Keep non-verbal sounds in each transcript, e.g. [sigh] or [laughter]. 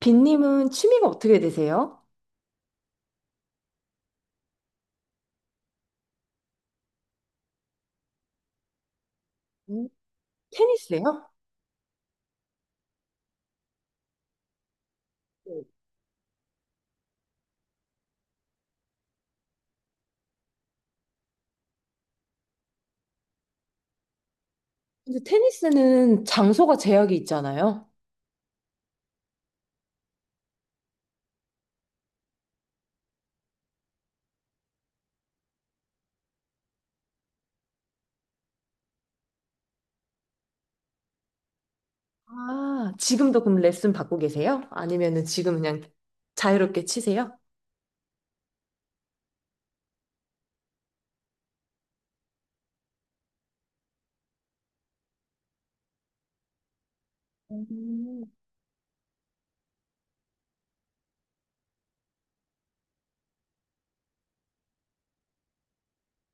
빈님은 취미가 어떻게 되세요? 음, 테니스요? 네. 근데 테니스는 장소가 제약이 있잖아요. 아, 지금도 그럼 레슨 받고 계세요? 아니면은 지금 그냥 자유롭게 치세요? 음.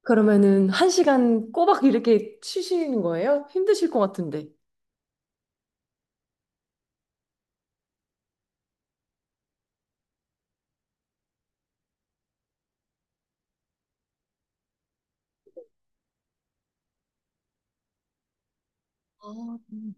그러면은 한 시간 꼬박 이렇게 치시는 거예요? 힘드실 것 같은데. 아, 음.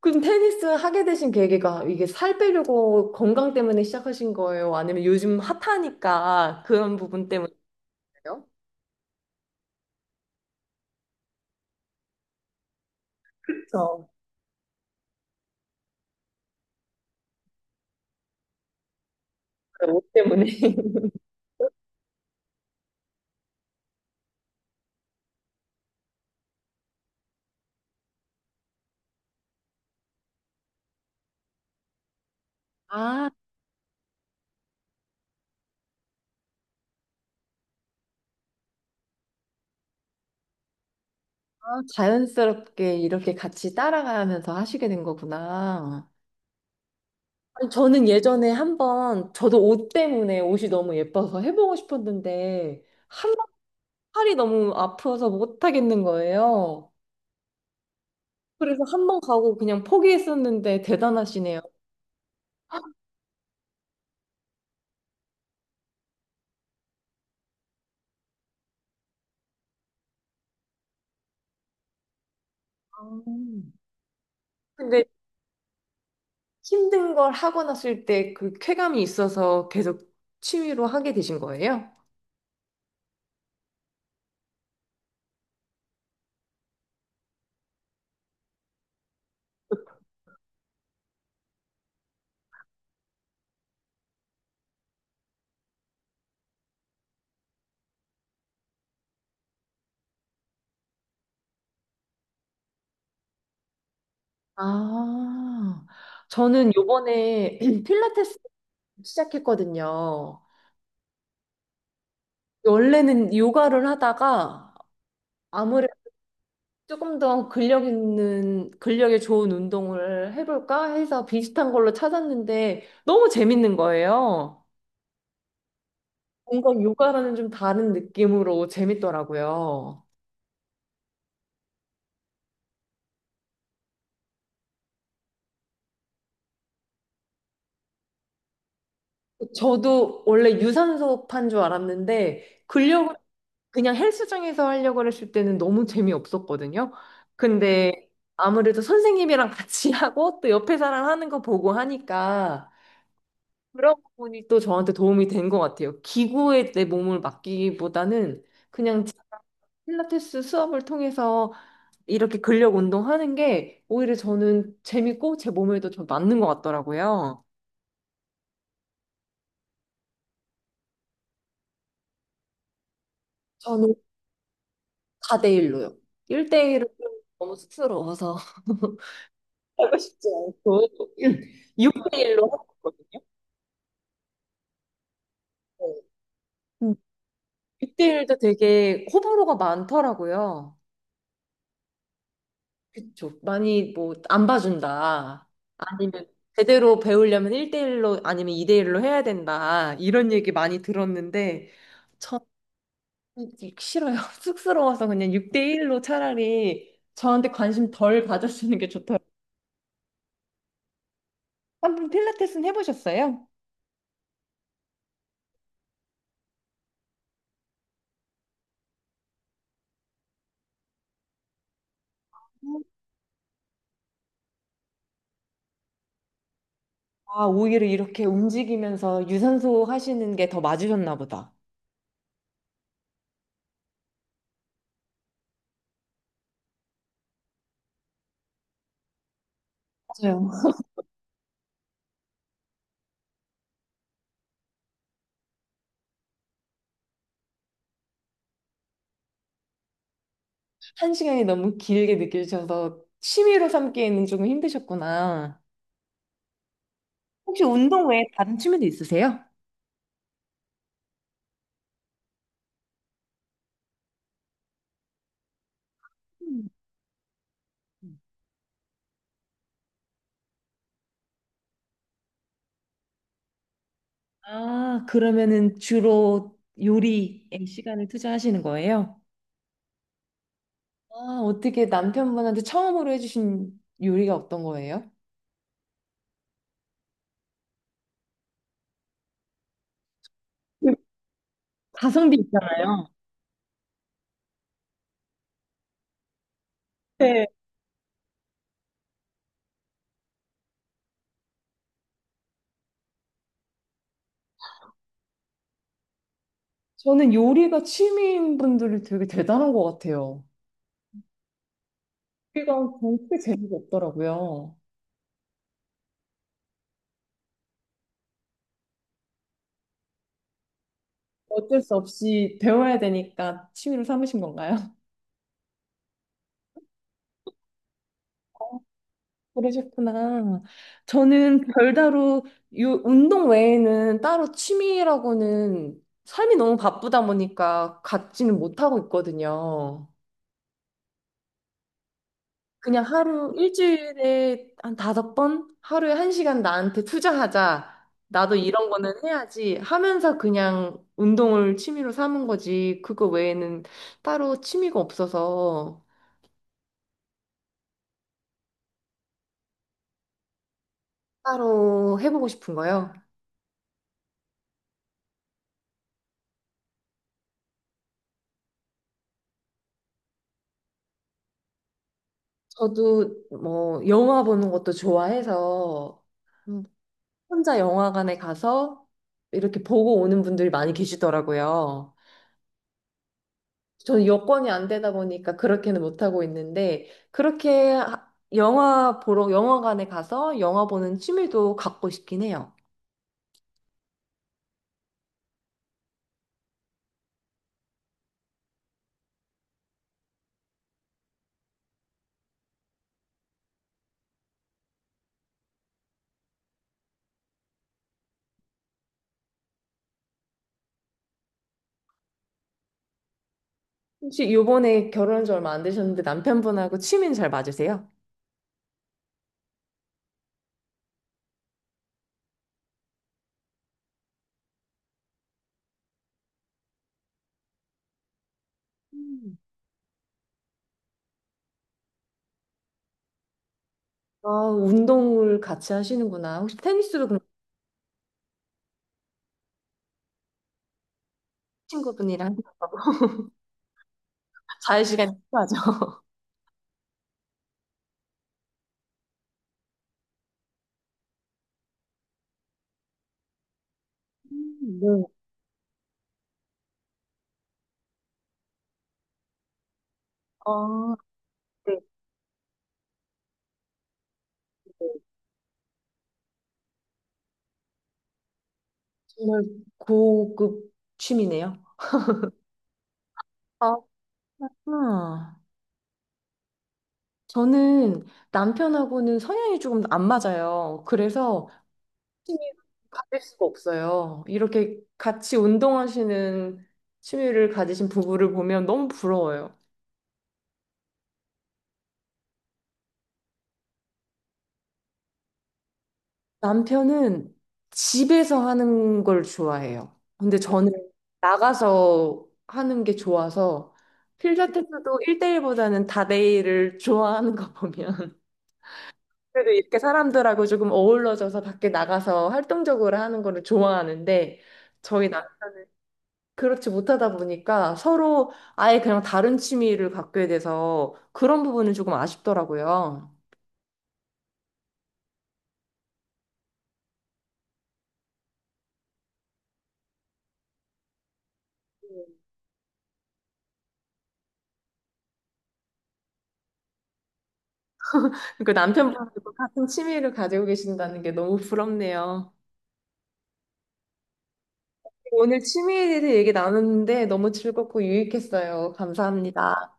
그럼 테니스 하게 되신 계기가 이게 살 빼려고 건강 때문에 시작하신 거예요? 아니면 요즘 핫하니까 그런 부분 때문에요? 그렇죠. 옷 때문에. [laughs] 아, 아, 자연스럽게 이렇게 같이 따라가면서 하시게 된 거구나. 아니, 저는 예전에 한번 저도 옷 때문에 옷이 너무 예뻐서 해보고 싶었는데 한 번 팔이 너무 아파서 못 하겠는 거예요. 그래서 한 번 가고 그냥 포기했었는데 대단하시네요. 음. 근데 힘든 걸 하고 났을 때 그 쾌감이 있어서 계속 취미로 하게 되신 거예요? 아, 저는 요번에 [clears throat] 필라테스 시작했거든요. 원래는 요가를 하다가 아무래도 조금 더 근력 있는, 근력에 좋은 운동을 해볼까 해서 비슷한 걸로 찾았는데 너무 재밌는 거예요. 뭔가 요가라는 좀 다른 느낌으로 재밌더라고요. 저도 원래 유산소판 줄 알았는데 근력을 그냥 헬스장에서 하려고 했을 때는 너무 재미없었거든요. 근데 아무래도 선생님이랑 같이 [laughs] 하고 또 옆에 사람 하는 거 보고 하니까 그런 부분이 또 저한테 도움이 된 것 같아요. 기구에 내 몸을 맡기기보다는 그냥 제가 필라테스 수업을 통해서 이렇게 근력 운동하는 게 오히려 저는 재밌고 제 몸에도 좀 맞는 것 같더라고요. 저는 4대1로요. 1대1은 너무 쑥스러워서. [laughs] 하고 싶지 않고 6대1로 하고 있거든요. 육 6대1도 되게 호불호가 많더라고요. 그쵸. 많이 뭐 안 봐준다. 아니면 제대로 배우려면 1대1로 아니면 2대1로 해야 된다. 이런 얘기 많이 들었는데 전 싫어요. [laughs] 쑥스러워서 그냥 6대1로 차라리 저한테 관심 덜 가져주는 게 좋더라고요. 한번 필라테스는 해보셨어요? 아, 오히려 이렇게 움직이면서 유산소 하시는 게 더 맞으셨나 보다. 맞아요. 한 시간이 너무 길게 느껴지셔서 취미로 삼기에는 조금 힘드셨구나. 혹시 운동 외에 다른 취미도 있으세요? 음. 아, 그러면은 주로 요리에 시간을 투자하시는 거예요? 아, 어떻게 남편분한테 처음으로 해주신 요리가 어떤 거예요? 가성비 있잖아요. 네, 저는 요리가 취미인 분들이 되게 대단한 것 같아요. 요리가 절대 재미가 없더라고요. 어쩔 수 없이 배워야 되니까 취미로 삼으신 건가요? 그러셨구나. 저는 별다로 요 운동 외에는 따로 취미라고는 삶이 너무 바쁘다 보니까 갖지는 못하고 있거든요. 그냥 하루 일주일에 한 다섯 번 하루에 한 시간 나한테 투자하자. 나도 이런 거는 해야지 하면서 그냥 운동을 취미로 삼은 거지. 그거 외에는 따로 취미가 없어서 따로 해보고 싶은 거요. 저도 뭐 영화 보는 것도 좋아해서 음, 혼자 영화관에 가서 이렇게 보고 오는 분들이 많이 계시더라고요. 저는 여건이 안 되다 보니까 그렇게는 못하고 있는데 영화 보러 영화관에 가서 영화 보는 취미도 갖고 싶긴 해요. 혹시 요번에 결혼한 지 얼마 안 되셨는데 남편분하고 취미는 잘 맞으세요? 음. 아, 운동을 같이 하시는구나. 혹시 테니스도 그럼 친구분이랑 [laughs] 자유 시간이 필요하죠? 네. 아, 네, 네. 정말 고급 취미네요. 아, 아, 저는 남편하고는 성향이 조금 안 맞아요. 그래서 취미를 가질 수가 없어요. 이렇게 같이 운동하시는 취미를 가지신 부부를 보면 너무 부러워요. 남편은 집에서 하는 걸 좋아해요. 근데 저는 나가서 하는 게 좋아서 필라테스도 1대1보다는 다대일을 좋아하는 거 보면 그래도 이렇게 사람들하고 조금 어우러져서 밖에 나가서 활동적으로 하는 거를 좋아하는데 저희 나 그렇지 못하다 보니까 서로 아예 그냥 다른 취미를 갖게 돼서 그런 부분은 조금 아쉽더라고요. 그 남편분도 같은 취미를 가지고 계신다는 게 너무 부럽네요. 오늘 취미에 대해서 얘기 나눴는데 너무 즐겁고 유익했어요. 감사합니다.